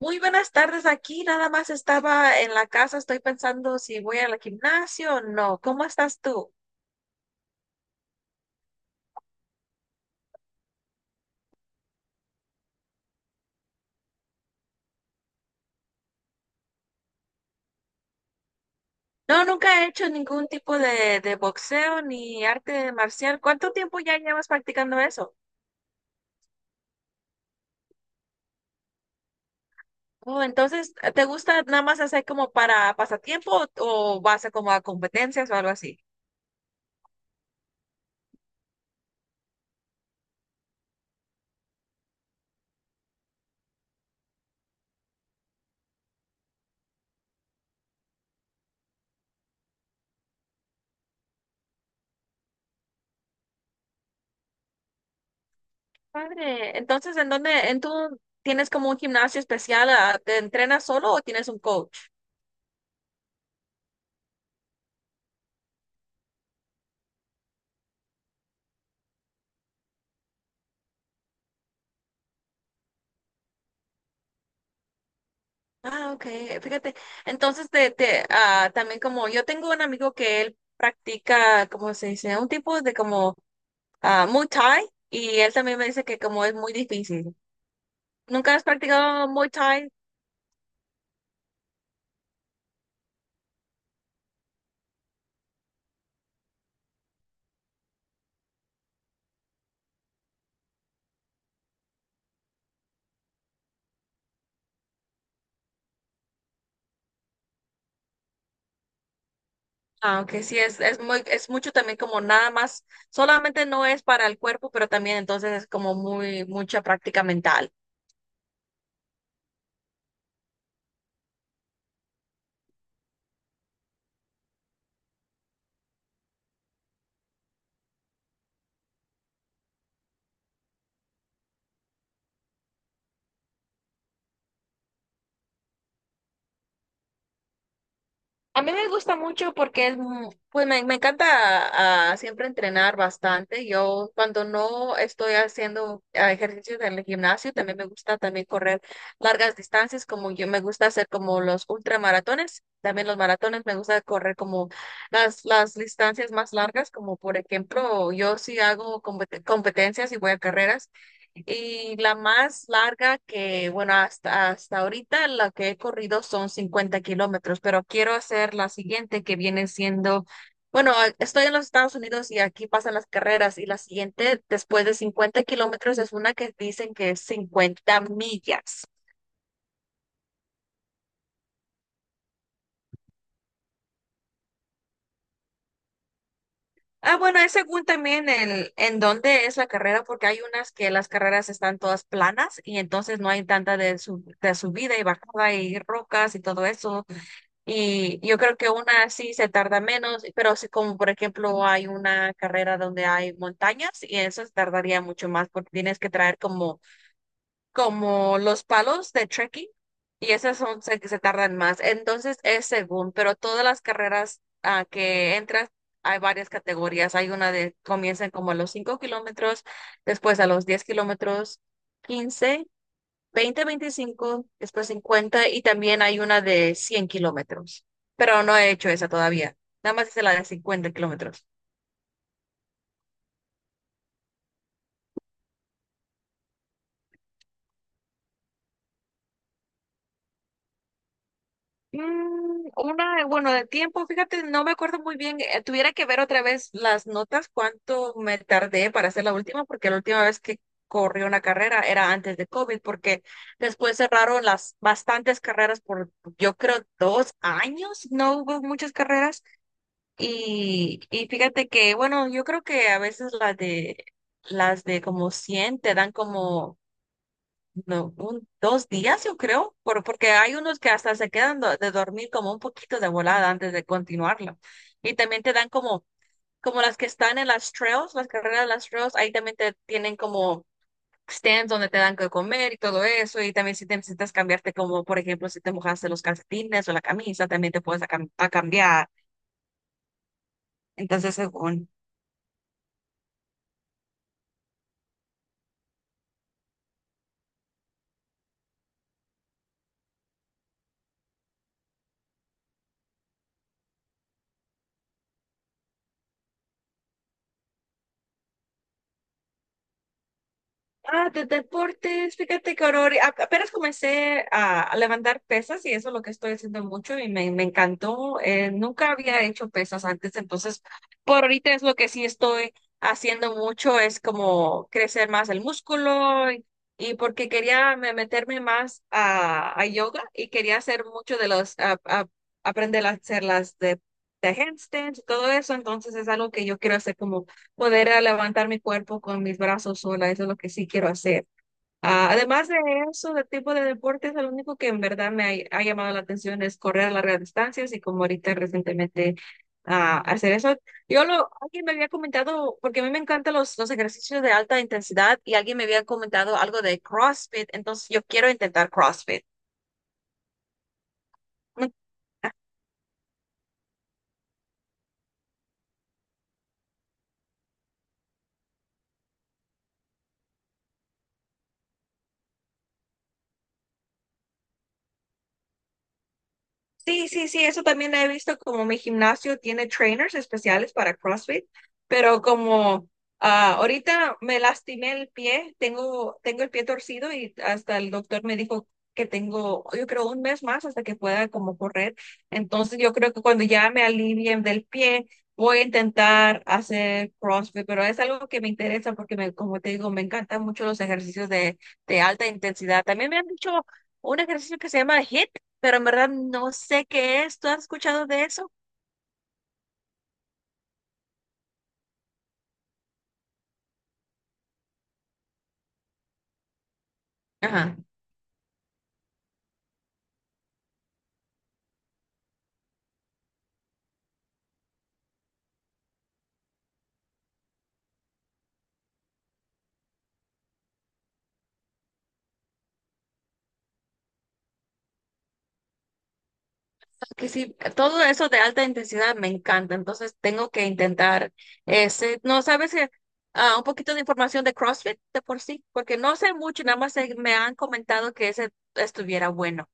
Muy buenas tardes aquí. Nada más estaba en la casa. Estoy pensando si voy al gimnasio o no. ¿Cómo estás tú? No, nunca he hecho ningún tipo de boxeo ni arte marcial. ¿Cuánto tiempo ya llevas practicando eso? Oh, entonces, ¿te gusta nada más hacer como para pasatiempo o vas a como a competencias o algo así? Padre, entonces, ¿ en tú tienes como un gimnasio especial? ¿Te entrenas solo o tienes un coach? Ah, ok, fíjate. Entonces, también como yo tengo un amigo que él practica, ¿cómo se dice? Un tipo de como Muay Thai, y él también me dice que como es muy difícil. ¿Nunca has practicado Muay Thai? Aunque sí es es mucho también, como nada más, solamente no es para el cuerpo, pero también entonces es como muy, mucha práctica mental. A mí me gusta mucho porque pues me encanta siempre entrenar bastante. Yo cuando no estoy haciendo ejercicios en el gimnasio, también me gusta también correr largas distancias. Como yo me gusta hacer como los ultramaratones, también los maratones, me gusta correr como las distancias más largas. Como por ejemplo, yo sí hago competencias y voy a carreras. Y la más larga bueno, hasta ahorita la que he corrido son 50 kilómetros, pero quiero hacer la siguiente que viene siendo, bueno, estoy en los Estados Unidos y aquí pasan las carreras, y la siguiente después de 50 kilómetros es una que dicen que es 50 millas. Ah, bueno, es según también en dónde es la carrera, porque hay unas que las carreras están todas planas y entonces no hay tanta de subida y bajada y rocas y todo eso. Y yo creo que una sí se tarda menos, pero si como por ejemplo hay una carrera donde hay montañas y eso, se tardaría mucho más, porque tienes que traer como, como los palos de trekking, y esas se tardan más. Entonces es según, pero todas las carreras a que entras hay varias categorías. Hay una de comienzan como a los 5 kilómetros, después a los 10 kilómetros, 15, 20, 25, después 50, y también hay una de 100 kilómetros. Pero no he hecho esa todavía. Nada más hice la de 50 kilómetros. Una, bueno, de tiempo, fíjate, no me acuerdo muy bien. Tuviera que ver otra vez las notas, cuánto me tardé para hacer la última, porque la última vez que corrí una carrera era antes de COVID, porque después cerraron las bastantes carreras por, yo creo, 2 años, no hubo muchas carreras. Y fíjate que, bueno, yo creo que a veces las de como 100 te dan como no, un, 2 días, yo creo, por, porque hay unos que hasta se quedan de dormir como un poquito de volada antes de continuarlo. Y también te dan como, las que están en las trails, las carreras de las trails, ahí también te tienen como stands donde te dan que comer y todo eso. Y también si te necesitas cambiarte, como por ejemplo, si te mojaste los calcetines o la camisa, también te puedes a cambiar. Entonces, según. Ah, de deportes, fíjate que apenas comencé a levantar pesas y eso es lo que estoy haciendo mucho, y me encantó. Nunca había hecho pesas antes, entonces por ahorita es lo que sí estoy haciendo mucho, es como crecer más el músculo, y porque quería meterme más a yoga, y quería hacer mucho de aprender a hacer las de handstands y todo eso. Entonces es algo que yo quiero hacer como poder a levantar mi cuerpo con mis brazos sola, eso es lo que sí quiero hacer. Ah, además de eso, de tipo de deportes, el único que en verdad me ha llamado la atención es correr largas distancias, y como ahorita recientemente hacer eso. Alguien me había comentado, porque a mí me encantan los ejercicios de alta intensidad, y alguien me había comentado algo de CrossFit, entonces yo quiero intentar CrossFit. Sí, sí, sí, eso también he visto, como mi gimnasio tiene trainers especiales para CrossFit, pero como ahorita me lastimé el pie, tengo el pie torcido, y hasta el doctor me dijo que tengo, yo creo, un mes más hasta que pueda como correr. Entonces yo creo que cuando ya me alivien del pie, voy a intentar hacer CrossFit, pero es algo que me interesa porque me, como te digo, me encantan mucho los ejercicios de alta intensidad. También me han dicho un ejercicio que se llama HIIT, pero en verdad no sé qué es. ¿Tú has escuchado de eso? Ajá. Que sí, todo eso de alta intensidad me encanta, entonces tengo que intentar ese. No sabes que, un poquito de información de CrossFit de por sí, porque no sé mucho, nada más me han comentado que ese estuviera bueno.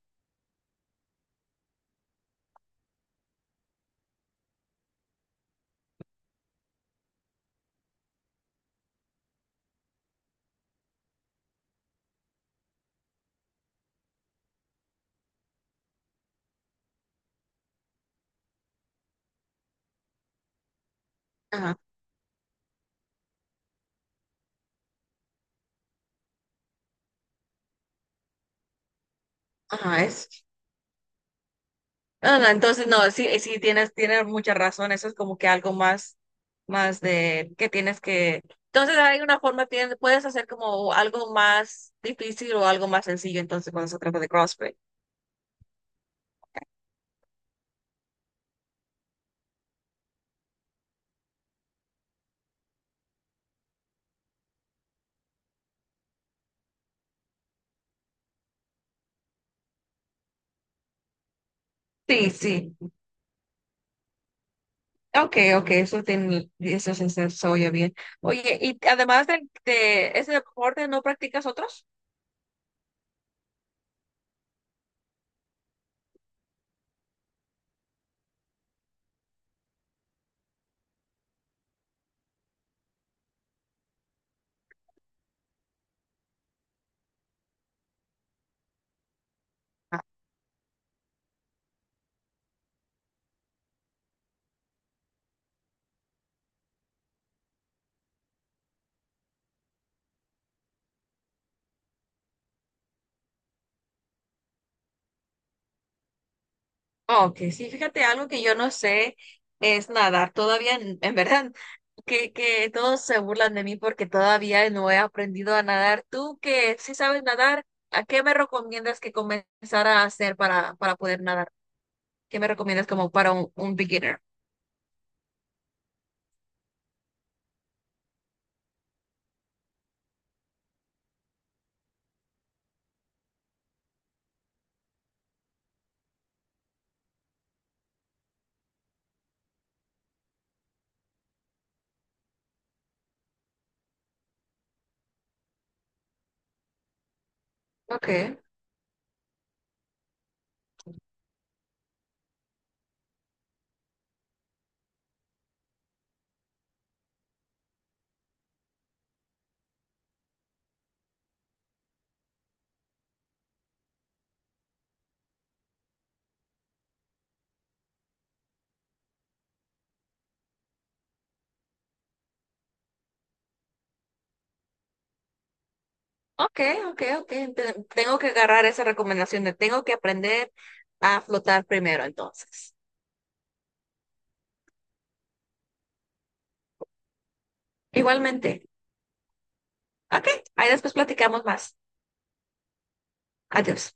Ajá. Ajá, es. No, entonces, no, sí, sí, tienes mucha razón. Eso es como que algo más, más de que tienes que. Entonces, hay una forma, puedes hacer como algo más difícil o algo más sencillo, entonces, cuando se trata de CrossFit. Sí, sí. Okay, okay, eso, tiene, eso se, se- se oye bien. Oye, y además de ese deporte, ¿no practicas otros? Ok, sí, fíjate, algo que yo no sé es nadar. Todavía, en verdad, que todos se burlan de mí porque todavía no he aprendido a nadar. Tú que sí sabes nadar, ¿a qué me recomiendas que comenzara a hacer para, poder nadar? ¿Qué me recomiendas como para un beginner? Ok, ok, ok, ok. Tengo que agarrar esa recomendación de tengo que aprender a flotar primero, entonces. Igualmente. Ok, ahí después platicamos más. Adiós.